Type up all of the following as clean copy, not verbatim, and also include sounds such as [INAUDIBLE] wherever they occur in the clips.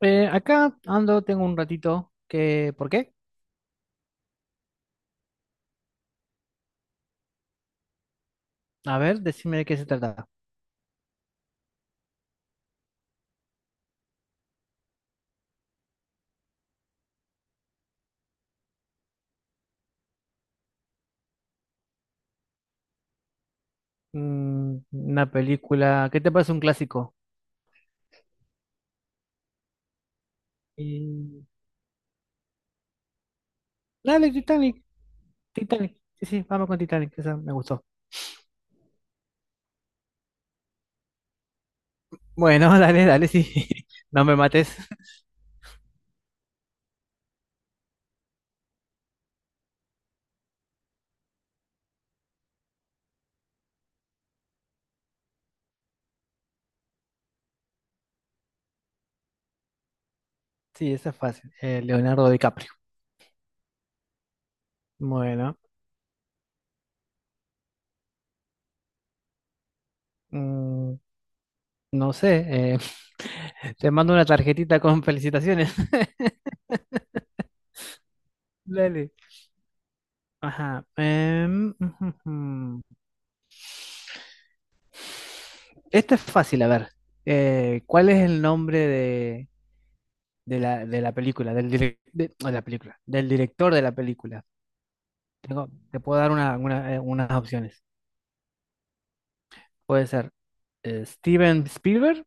Acá ando, tengo un ratito que. ¿Por qué? A ver, decime de qué se trata. Mm, una película... ¿Qué te parece un clásico? Y... Dale, Titanic. Titanic. Sí, sí, vamos con Titanic. Esa me gustó. Bueno, [LAUGHS] dale, dale, sí. [LAUGHS] No me mates. [LAUGHS] Sí, esa es fácil. Leonardo DiCaprio. Bueno, mm, no sé. [LAUGHS] Te mando una tarjetita con felicitaciones. [LAUGHS] Dale. Ajá. Ujú, ujú. Este es fácil, a ver. ¿Cuál es el nombre de la película? Del direc- de, no, de la película, del director de la película. Tengo, te puedo dar unas opciones. Puede ser Steven Spielberg,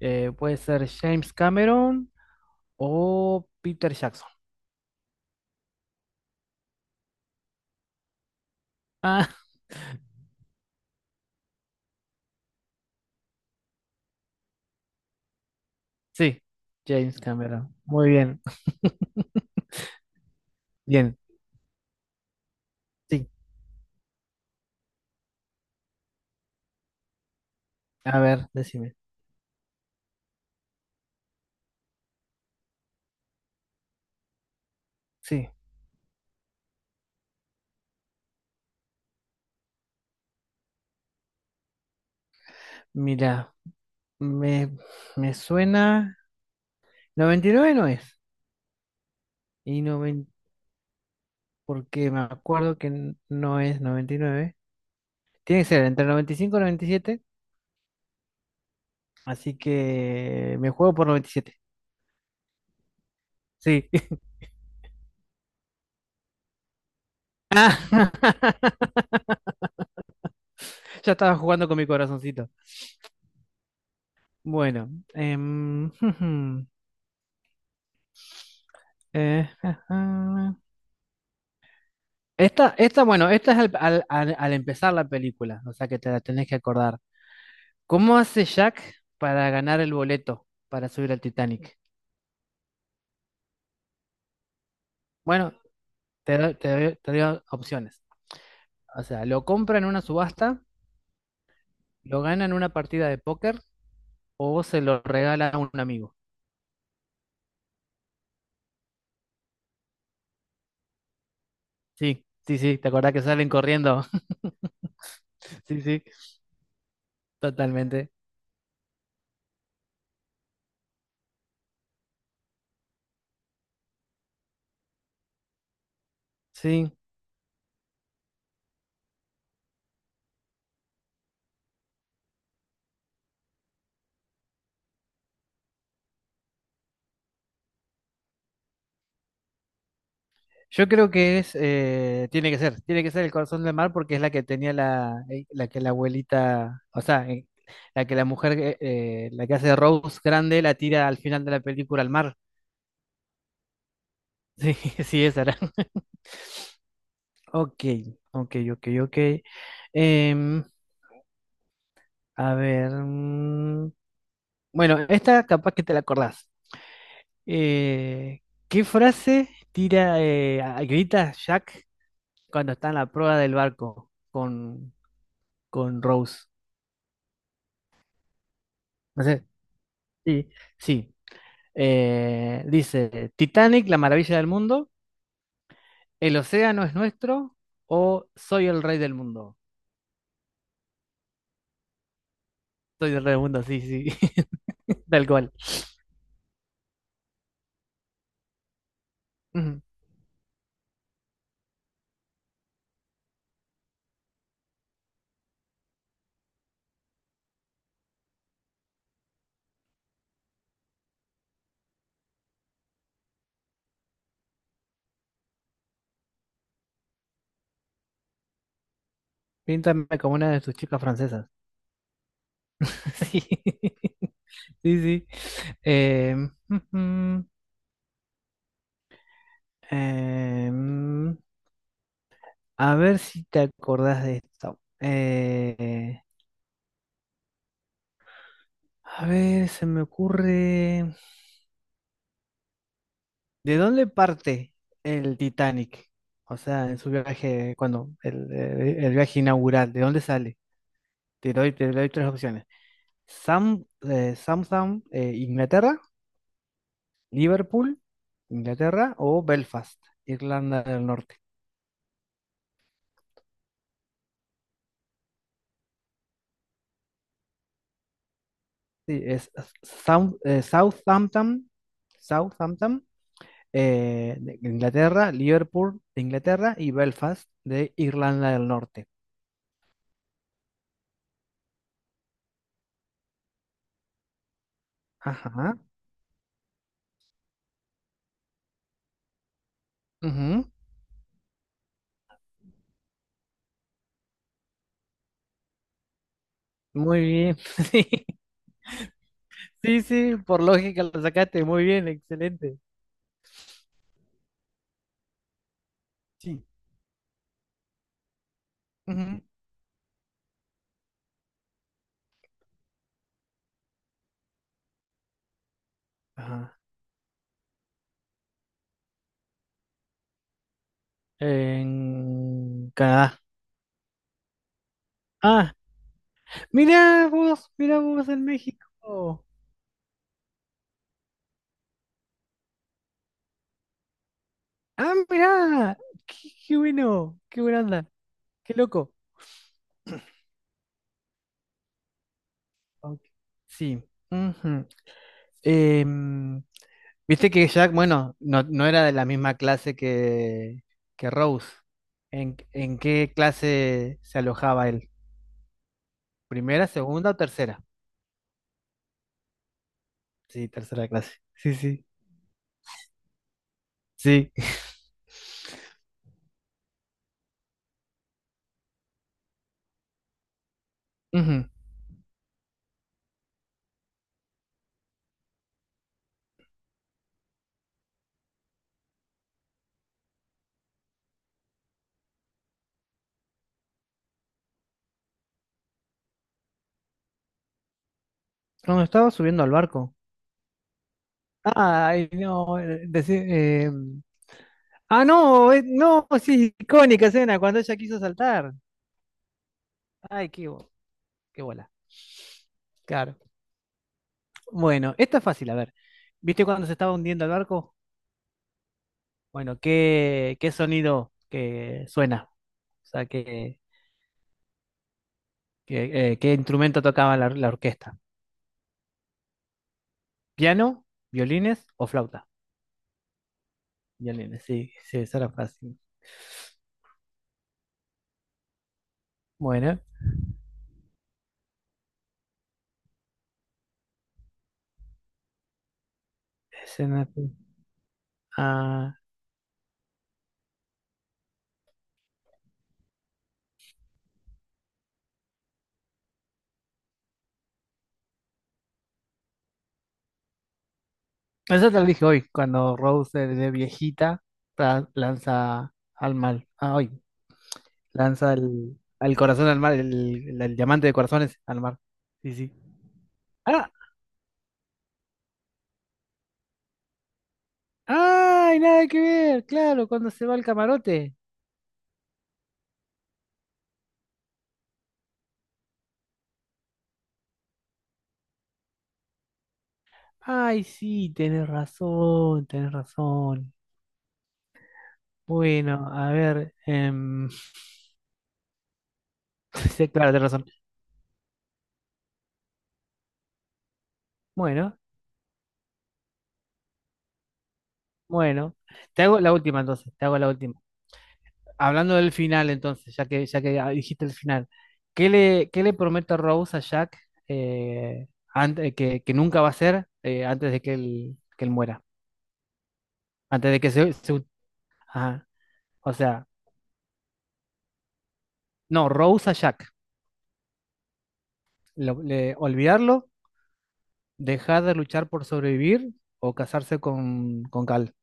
puede ser James Cameron o Peter Jackson. [LAUGHS] Ah, sí, James Cameron. Muy bien, bien. Sí, a ver, decime. Sí, mira, me, me suena. 99 no es. Y 90 porque me acuerdo que no es noventa y nueve. Tiene que ser entre noventa y cinco y noventa y siete, así que me juego por noventa y siete. Sí. [LAUGHS] Ah, [LAUGHS] ya estaba jugando con mi corazoncito. Bueno, em, [LAUGHS] eh, [LAUGHS] esta, bueno, esta es al, al- al- al empezar la película, o sea que te la tenés que acordar. ¿Cómo hace Jack para ganar el boleto para subir al Titanic? Bueno, te doy opciones. O sea, ¿lo compra en una subasta, lo gana en una partida de póker o se lo regala a un amigo? Sí, sí, sí, ¿te acordás que salen corriendo? [LAUGHS] Sí, sí, totalmente. Sí, yo creo que es, tiene que ser el corazón del mar porque es la que la abuelita, o sea, la mujer, la que hace Rose grande, la tira al final de la película al mar. [LAUGHS] Sí, sí, esa era. Ok, ok, ok, ok. Em, a ver, mm, bueno, esta capaz que te la acordás. Eh, ¿qué frase grita Jack cuando está en la prueba del barco con Rose? No sé, sí, sí. Dice: Titanic, la maravilla del mundo, el océano es nuestro, o soy el rey del mundo. Soy el rey del mundo, sí, sí, [LAUGHS] tal cual. Ujú. Píntame como una de tus chicas francesas. [LAUGHS] Sí, sí, sí. Ujú. Em, A ver si te acordás de esto. A ver, se me ocurre. ¿De dónde parte el Titanic? O sea, en su viaje, cuando el viaje inaugural, ¿de dónde sale? Te doy tres opciones. Southam, Inglaterra, Liverpool, Inglaterra, o Belfast, Irlanda del Norte. Sí, es South, eh, Southampton, Southampton, de Inglaterra, Liverpool de Inglaterra, y Belfast de Irlanda del Norte. Ajá. Ujú. Muy bien. [LAUGHS] Sí, sí, sí, por lógica lo sacaste. Muy bien, excelente. Sí. Ujú. Ajá. En Canadá. Ah, mira vos, mira vos, en México. Ah, mira, qué, qué bueno, qué buena onda, qué loco. Ok. Sí. Ujú. Em, Viste que Jack, bueno, no, no era de la misma que Rose. ¿En qué clase se alojaba él? ¿Primera, segunda o tercera? Sí, tercera clase. Sí, sí, sí. Ujú. Cuando estaba subiendo al barco. Ay, no, decí- ah, no, no, sí, icónica escena, cuando ella quiso saltar. Ay, qué, bo- qué bola. Claro. Bueno, esta es fácil, a ver. ¿Viste cuando se estaba hundiendo el barco? Bueno, ¿qué sonido que suena? O sea, ¿qué instrumento tocaba la orquesta? ¿Piano, violines o flauta? Violines, sí, sí, esa era fácil. Bueno, escena- ah, eso te lo dije hoy, cuando Rose de viejita lanza al mal. Ah, hoy, lanza el, al corazón al mar, el diamante de corazones al mar. Sí, sí. Ah, ¡ay, nada que ver! Claro, cuando se va al camarote. Ay, sí, tenés razón, tenés razón. Bueno, a ver. [LAUGHS] Sí, claro, tenés razón. Bueno, bueno. Te hago la última entonces, te hago la última. Hablando del final entonces, ya que dijiste el final, ¿qué le promete Rose a Jack, que nunca va a ser, antes de que que él muera? Antes de que ajá. O sea, no, Rose a Jack. Olvidarlo, dejar de luchar por sobrevivir, o casarse con Cal.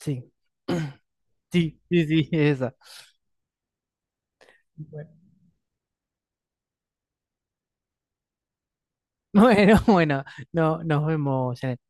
Sí. [CLEARS THROAT] Sí, sí, sí, esa. Bueno, [LAUGHS] bueno, bueno, no, nos vemos, Janet.